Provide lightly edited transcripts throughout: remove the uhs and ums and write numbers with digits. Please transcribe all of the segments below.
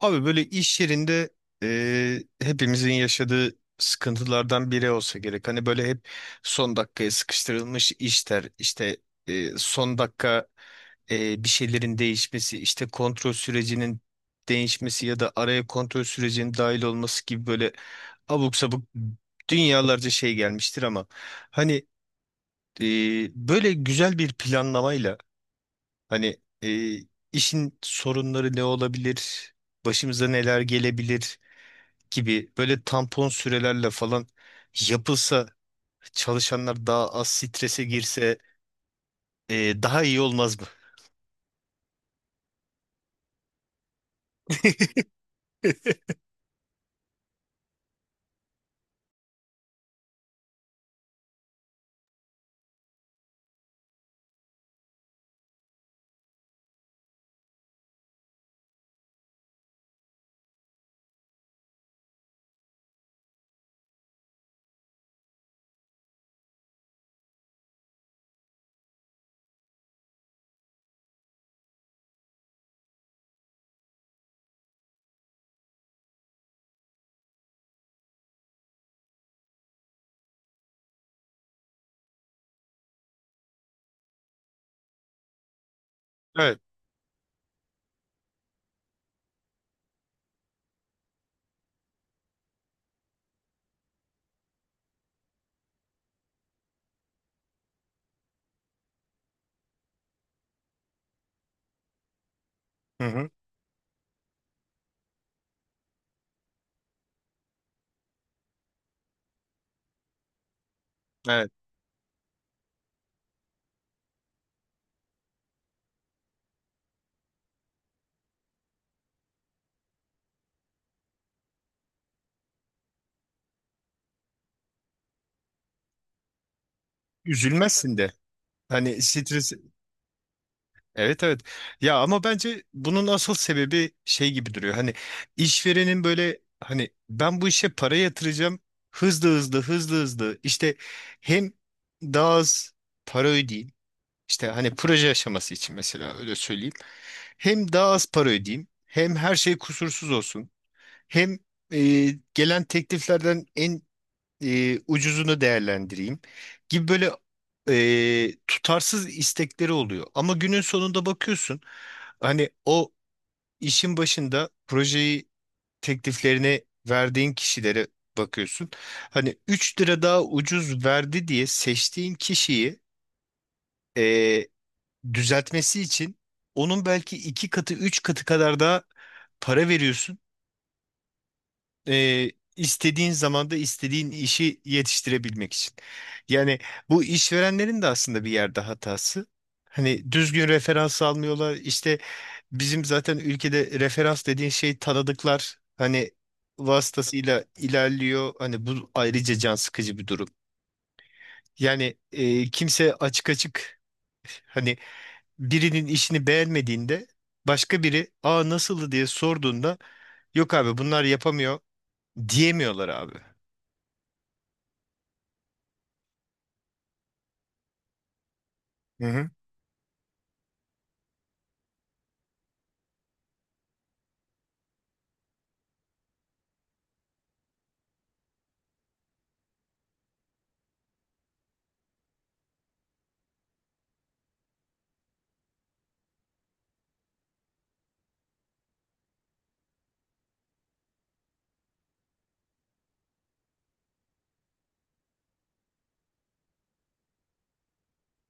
Abi böyle iş yerinde hepimizin yaşadığı sıkıntılardan biri olsa gerek. Hani böyle hep son dakikaya sıkıştırılmış işler, işte son dakika, bir şeylerin değişmesi, işte kontrol sürecinin değişmesi ya da araya kontrol sürecinin dahil olması gibi böyle abuk sabuk dünyalarca şey gelmiştir. Ama hani e, böyle güzel bir planlamayla, hani e, işin sorunları ne olabilir, başımıza neler gelebilir gibi böyle tampon sürelerle falan yapılsa, çalışanlar daha az strese girse, daha iyi olmaz mı? Evet. Hı hı. Evet. Üzülmezsin de. Hani stres, evet, evet. Ya ama bence bunun asıl sebebi şey gibi duruyor. Hani işverenin böyle, hani ben bu işe para yatıracağım, hızlı hızlı hızlı hızlı. İşte hem daha az para ödeyeyim. İşte hani proje aşaması için mesela öyle söyleyeyim. Hem daha az para ödeyeyim, hem her şey kusursuz olsun, hem e, gelen tekliflerden en ucuzunu değerlendireyim gibi böyle tutarsız istekleri oluyor. Ama günün sonunda bakıyorsun, hani o işin başında projeyi, tekliflerini verdiğin kişilere bakıyorsun. Hani 3 lira daha ucuz verdi diye seçtiğin kişiyi düzeltmesi için onun belki iki katı, üç katı kadar daha para veriyorsun. Ee, istediğin zamanda istediğin işi yetiştirebilmek için. Yani bu işverenlerin de aslında bir yerde hatası. Hani düzgün referans almıyorlar. İşte bizim zaten ülkede referans dediğin şey tanıdıklar. Hani vasıtasıyla ilerliyor. Hani bu ayrıca can sıkıcı bir durum. Yani kimse açık açık, hani birinin işini beğenmediğinde, başka biri aa nasıldı diye sorduğunda, yok abi bunlar yapamıyor diyemiyorlar abi. Hı hı.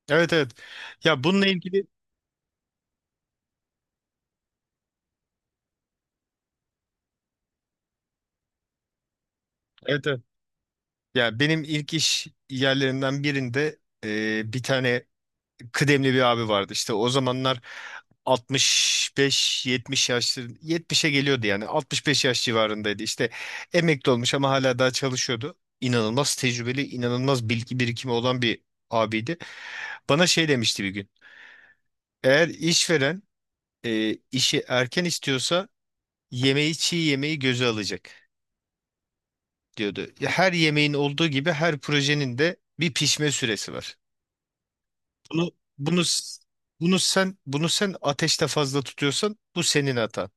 Evet, evet. Ya bununla ilgili, evet, evet. Ya benim ilk iş yerlerinden birinde bir tane kıdemli bir abi vardı. İşte o zamanlar 65-70 yaşları, 70'e geliyordu, yani 65 yaş civarındaydı. İşte emekli olmuş ama hala daha çalışıyordu. İnanılmaz tecrübeli, inanılmaz bilgi birikimi olan bir abiydi. Bana şey demişti bir gün. Eğer işveren işi erken istiyorsa yemeği çiğ yemeği göze alacak diyordu. Her yemeğin olduğu gibi her projenin de bir pişme süresi var. Bunu bunu s- bunu sen ateşte fazla tutuyorsan bu senin hatan.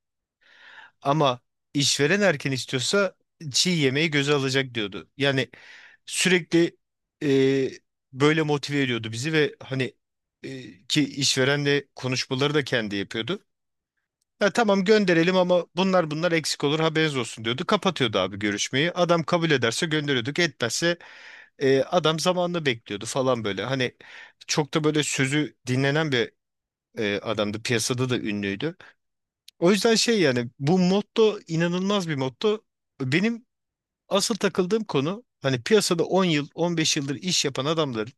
Ama işveren erken istiyorsa çiğ yemeği göze alacak diyordu. Yani sürekli e, böyle motive ediyordu bizi ve hani ki işverenle konuşmaları da kendi yapıyordu. Ya tamam gönderelim, ama bunlar eksik olur, haberiniz olsun diyordu. Kapatıyordu abi görüşmeyi. Adam kabul ederse gönderiyorduk. Etmezse adam zamanını bekliyordu falan böyle. Hani çok da böyle sözü dinlenen bir adamdı. Piyasada da ünlüydü. O yüzden şey, yani bu motto inanılmaz bir motto. Benim asıl takıldığım konu, hani piyasada 10 yıl 15 yıldır iş yapan adamların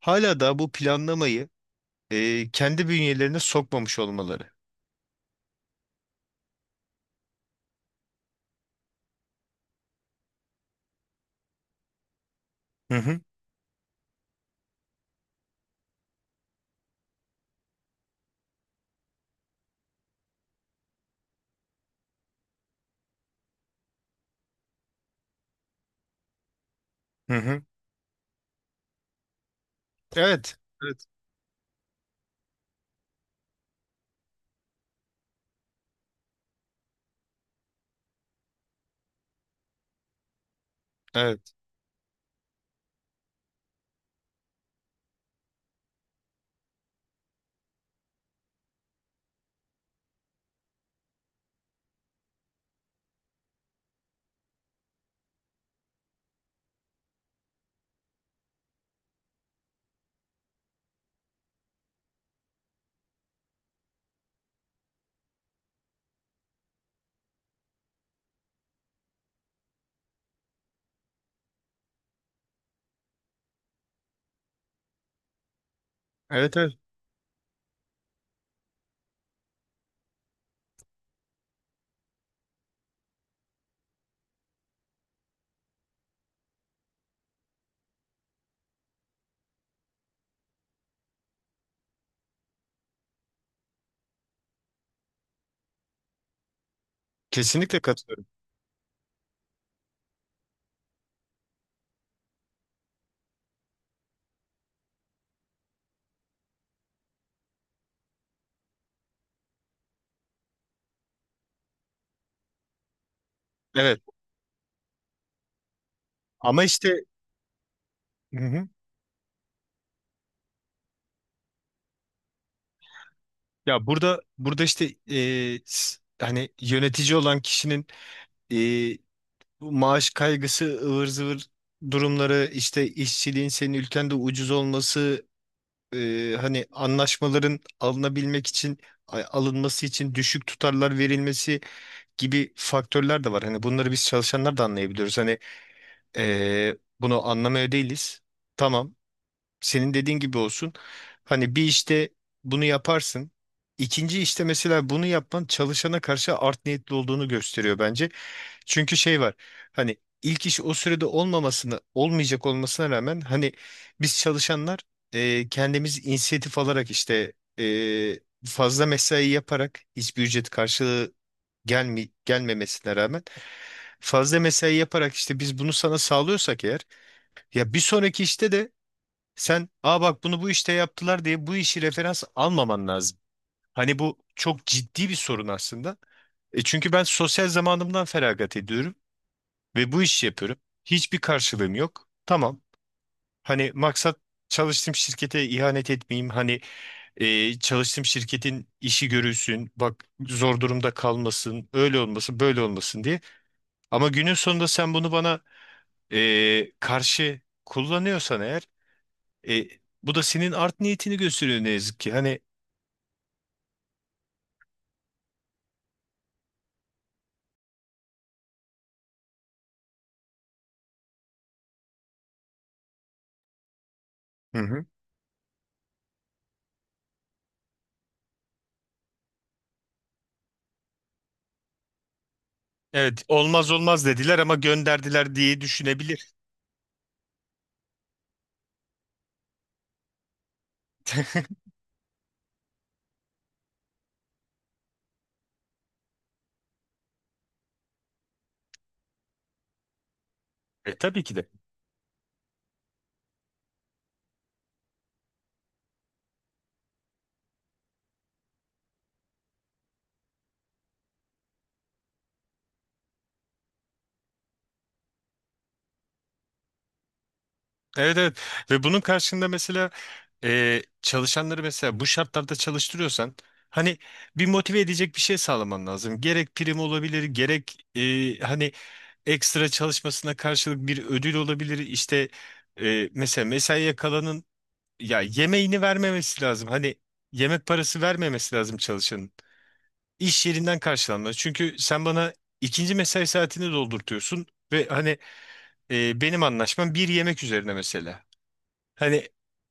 hala da bu planlamayı kendi bünyelerine sokmamış olmaları. Hı hı, hı hı. Evet. Evet. Evet. Evet. Evet. Kesinlikle katılıyorum. Evet. Ama işte, hı hı. Ya burada işte, hani yönetici olan kişinin bu maaş kaygısı, ıvır zıvır durumları, işte işçiliğin senin ülkende ucuz olması, hani anlaşmaların alınabilmek için, alınması için düşük tutarlar verilmesi gibi faktörler de var. Hani bunları biz çalışanlar da anlayabiliyoruz. Hani bunu anlamaya değiliz. Tamam, senin dediğin gibi olsun. Hani bir işte bunu yaparsın. İkinci işte mesela bunu yapman çalışana karşı art niyetli olduğunu gösteriyor bence. Çünkü şey var. Hani ilk iş o sürede olmamasını, olmayacak olmasına rağmen, hani biz çalışanlar kendimiz inisiyatif alarak, işte e, fazla mesai yaparak, hiçbir ücret karşılığı gelmemesine rağmen fazla mesai yaparak işte biz bunu sana sağlıyorsak eğer, ya bir sonraki işte de sen, aa bak bunu bu işte yaptılar diye bu işi referans almaman lazım. Hani bu çok ciddi bir sorun aslında. Çünkü ben sosyal zamanımdan feragat ediyorum ve bu işi yapıyorum. Hiçbir karşılığım yok. Tamam. Hani maksat çalıştığım şirkete ihanet etmeyeyim. Hani çalıştığım şirketin işi görülsün, bak zor durumda kalmasın, öyle olmasın, böyle olmasın diye. Ama günün sonunda sen bunu bana karşı kullanıyorsan eğer, e, bu da senin art niyetini gösteriyor ne yazık ki. Hani hı hı. Evet, olmaz olmaz dediler ama gönderdiler diye düşünebilir. Tabii ki de. Evet, evet, ve bunun karşında mesela çalışanları mesela bu şartlarda çalıştırıyorsan, hani bir motive edecek bir şey sağlaman lazım. Gerek prim olabilir, gerek hani ekstra çalışmasına karşılık bir ödül olabilir. İşte mesela mesaiye kalanın ya yemeğini vermemesi lazım. Hani yemek parası vermemesi lazım çalışanın. İş yerinden karşılanmalı. Çünkü sen bana ikinci mesai saatini doldurtuyorsun ve hani benim anlaşmam bir yemek üzerine mesela. Hani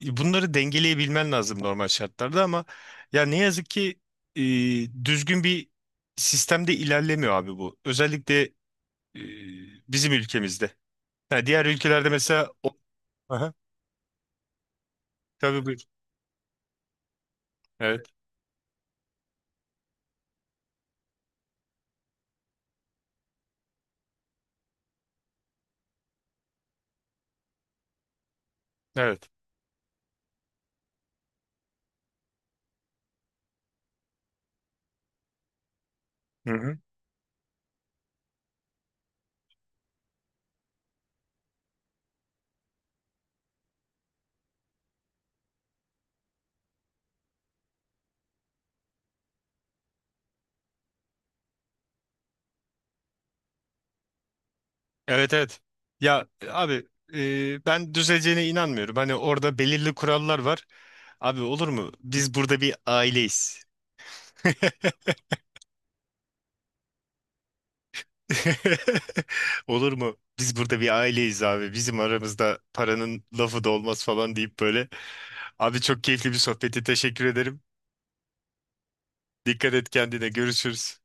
bunları dengeleyebilmen lazım normal şartlarda, ama ya ne yazık ki e, düzgün bir sistemde ilerlemiyor abi bu. Özellikle e, bizim ülkemizde. Ha, diğer ülkelerde mesela o... Aha, tabii buyur. Evet, evet. Hı hı. Evet, evet. Ya abi, ben düzeleceğine inanmıyorum. Hani orada belirli kurallar var. Abi olur mu? Biz burada bir aileyiz. Olur mu? Biz burada bir aileyiz abi. Bizim aramızda paranın lafı da olmaz falan deyip böyle. Abi çok keyifli bir sohbeti. Teşekkür ederim. Dikkat et kendine. Görüşürüz.